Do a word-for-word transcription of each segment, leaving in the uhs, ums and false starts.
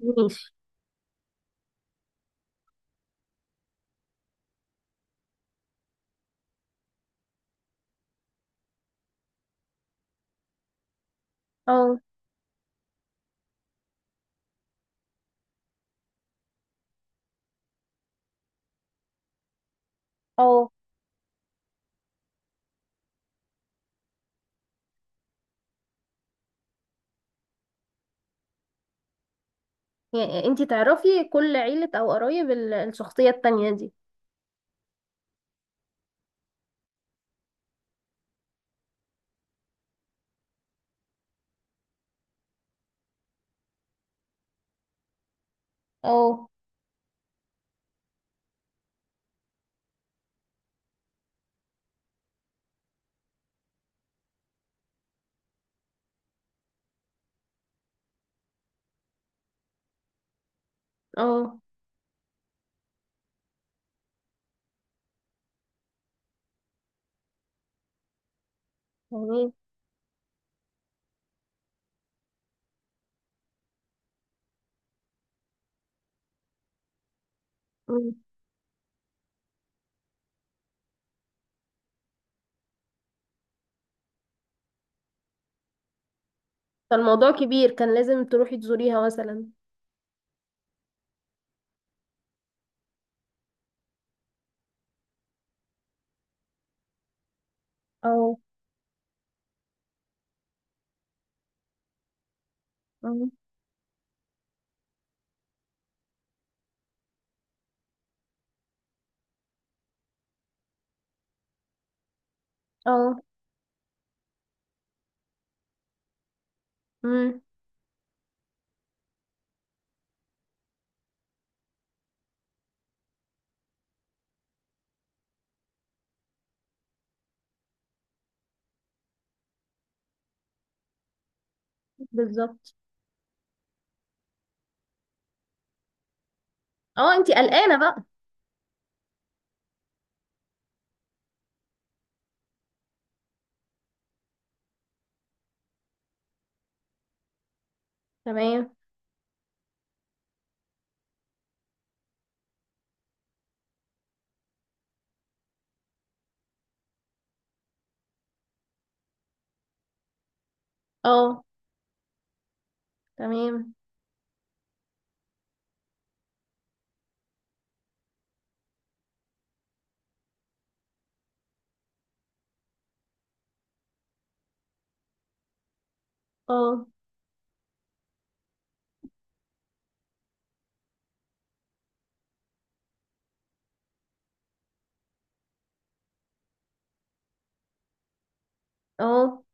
ماشي. اه. اه. يعني انتي تعرفي كل عيلة او قرايب ال- الشخصية التانية دي؟ اه. اه. يعني. مم. فالموضوع كبير، كان لازم تروحي تزوريها مثلا. اه. مم. اه. امم. بالظبط. اه، انتي قلقانة بقى. تمام. اه. تمام. اه. اه.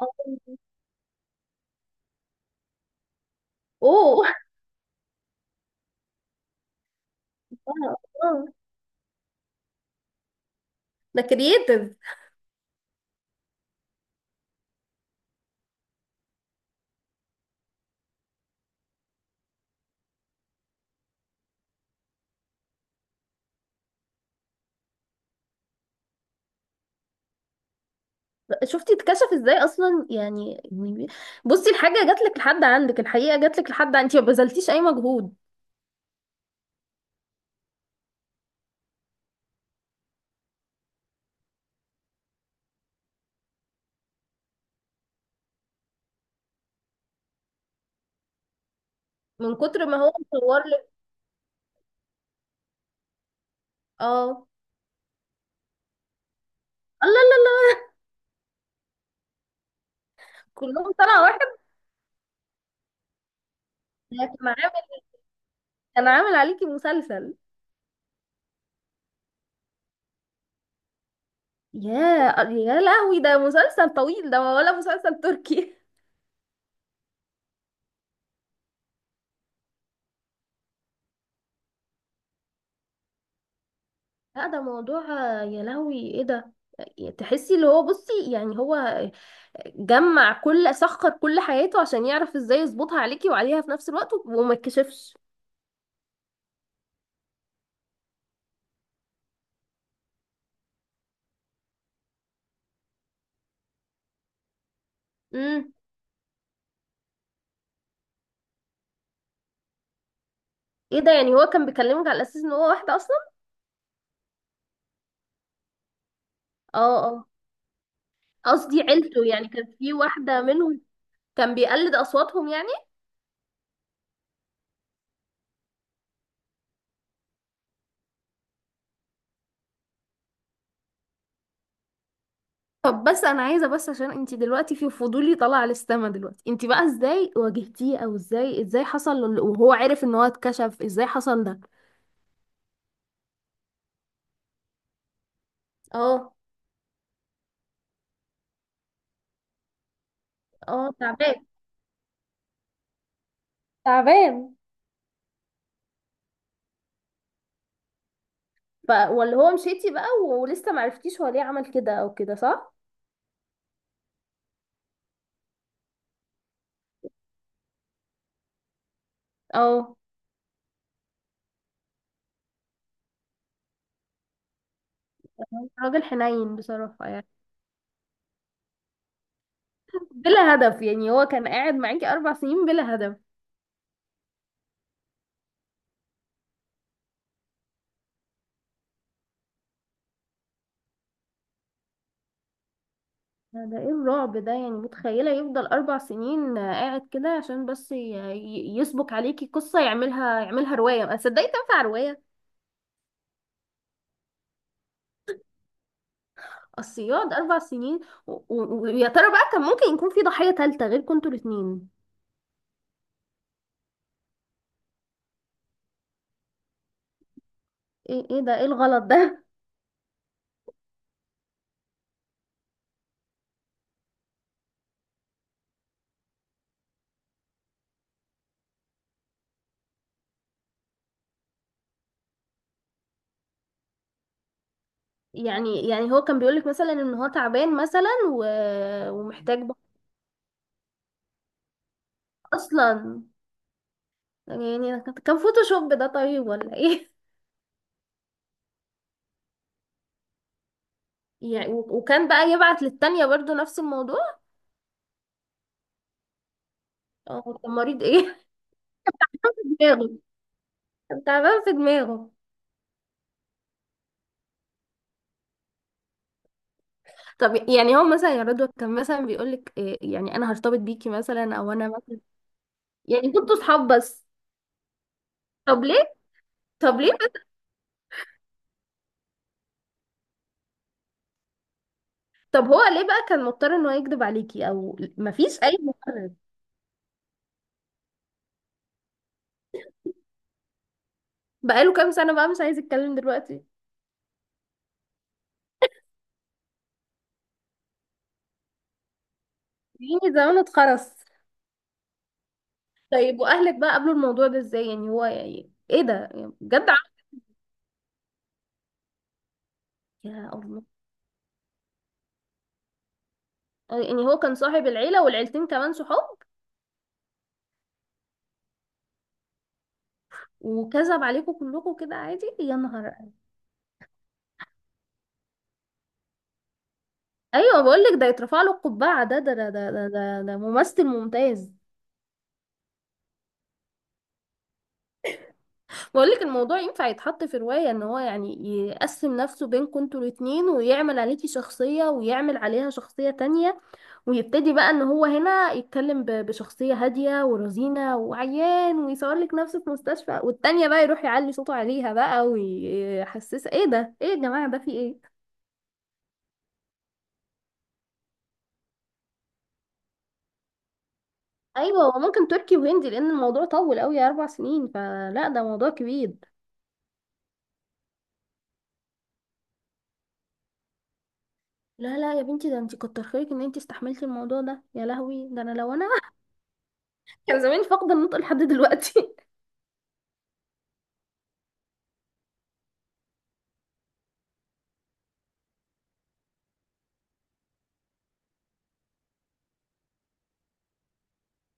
اه. اوه آه. آه. ده كرييتيف. شفتي اتكشف ازاي اصلا؟ يعني يعني بصي، الحاجة جاتلك لحد عندك، الحقيقة جاتلك لحد، انتي ما بذلتيش اي مجهود. من كتر ما هو مصور لك. اه الله. الله. كلهم طلع واحد. ده كان عامل. كان عامل عليكي مسلسل. يا. يا لهوي، ده مسلسل طويل ده ولا مسلسل تركي؟ لا، ده موضوع. يا لهوي، ايه ده؟ تحسي اللي هو بصي يعني هو جمع كل سخر كل حياته عشان يعرف ازاي يظبطها عليكي وعليها في نفس الوقت وما يتكشفش. امم. ايه ده، يعني هو كان بيكلمك على اساس ان هو واحده اصلا؟ اه اه. قصدي عيلته، يعني كان في واحده منهم؟ كان بيقلد اصواتهم يعني؟ طب بس انا عايزه بس عشان انت دلوقتي في فضولي طالع على السما دلوقتي، انت بقى ازاي واجهتيه، او ازاي ازاي حصل ل- وهو عرف ان هو اتكشف ازاي حصل ده؟ اه اه. تعبان. تعبان. ف ولا هو مشيتي بقى ولسه معرفتيش هو ليه عمل كده او كده صح؟ اه. راجل حنين بصراحه يعني. بلا هدف يعني، هو كان قاعد معاكي اربع سنين بلا هدف. ده ده ايه الرعب ده؟ يعني متخيلة يفضل اربع سنين آه، قاعد كده عشان بس ي- ي- يسبك عليكي قصة، يعملها يعملها رواية، ما صدقي تنفع رواية. اصل يقعد اربع سنين و- و- ويا ترى بقى كان ممكن يكون في ضحية تالتة غير كنتوا الاتنين؟ ايه ايه ده، ايه الغلط ده؟ يعني يعني هو كان بيقولك مثلا ان هو تعبان مثلا و... ومحتاج بقى؟ اصلا يعني كان فوتوشوب ده طيب ولا ايه؟ يعني و- وكان بقى يبعت للتانية برضو نفس الموضوع؟ اه، طب مريض ايه؟ دماغه تعبان في دماغه. طب يعني هو مثلا يا رضوى كان مثلا بيقولك إيه؟ يعني انا هرتبط بيكي مثلا او انا مثلا. يعني كنتوا صحاب بس؟ طب ليه؟ طب ليه بس؟ طب هو ليه بقى كان مضطر ان هو يكذب عليكي او مفيش اي مبرر؟ بقاله كام سنة بقى مش عايز يتكلم دلوقتي؟ يعني زمانه اتخرس. طيب، واهلك بقى قبلوا الموضوع ده ازاي؟ يعني هو يعني ايه ده؟ يعني بجد عم- يا الله. يعني هو كان صاحب العيلة، والعيلتين كمان صحاب. وكذب عليكم كلكم كده عادي، يا نهار. ايوه بقول لك، ده يترفع له القبعه. ده ده ده ده ده, ده, ده ممثل ممتاز. بقول لك الموضوع ينفع يتحط في روايه، ان هو يعني يقسم نفسه بينكم انتوا الاتنين، ويعمل عليكي شخصيه ويعمل عليها شخصيه تانية، ويبتدي بقى ان هو هنا يتكلم ب- بشخصيه هاديه ورزينه وعيان، ويصور لك نفسه في مستشفى، والتانية بقى يروح يعلي صوته عليها بقى ويحسسها ايه ده، ايه يا جماعه ده في ايه. ايوه، وممكن تركي وهندي لان الموضوع طول قوي اربع سنين، فلا ده موضوع كبير. لا لا يا بنتي، ده انت كتر خيرك ان انت استحملتي الموضوع ده. يا لهوي، ده انا لو انا كان زماني فاقده النطق لحد دلوقتي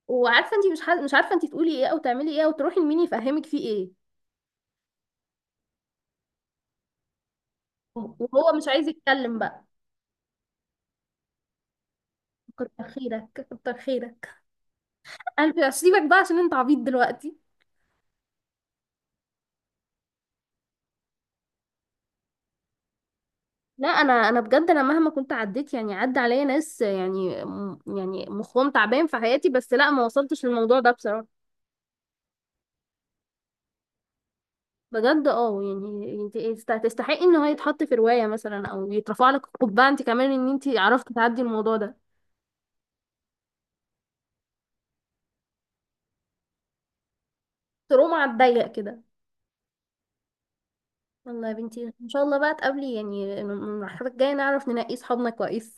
وعارفه انت مش ح... مش عارفه انت تقولي ايه او تعملي ايه او تروحي لمين يفهمك فيه ايه. وهو مش عايز يتكلم بقى. كتر خيرك. كتر خيرك. انا سيبك بقى عشان انت عبيط دلوقتي. لا، انا انا بجد، انا مهما كنت عديت يعني عدى عليا ناس يعني م- يعني مخهم تعبان في حياتي، بس لا ما وصلتش للموضوع ده بصراحه. بجد اه، يعني انت يست- تستحقي ان هو يتحط في رواية مثلا، او يترفع لك القبعة. انت كمان ان انت عرفتي تعدي الموضوع ده. تقوم على الضيق كده. والله يا بنتي، ان شاء الله بقى تقابلي يعني المرحلة الجاية نعرف ننقي صحابنا كويس.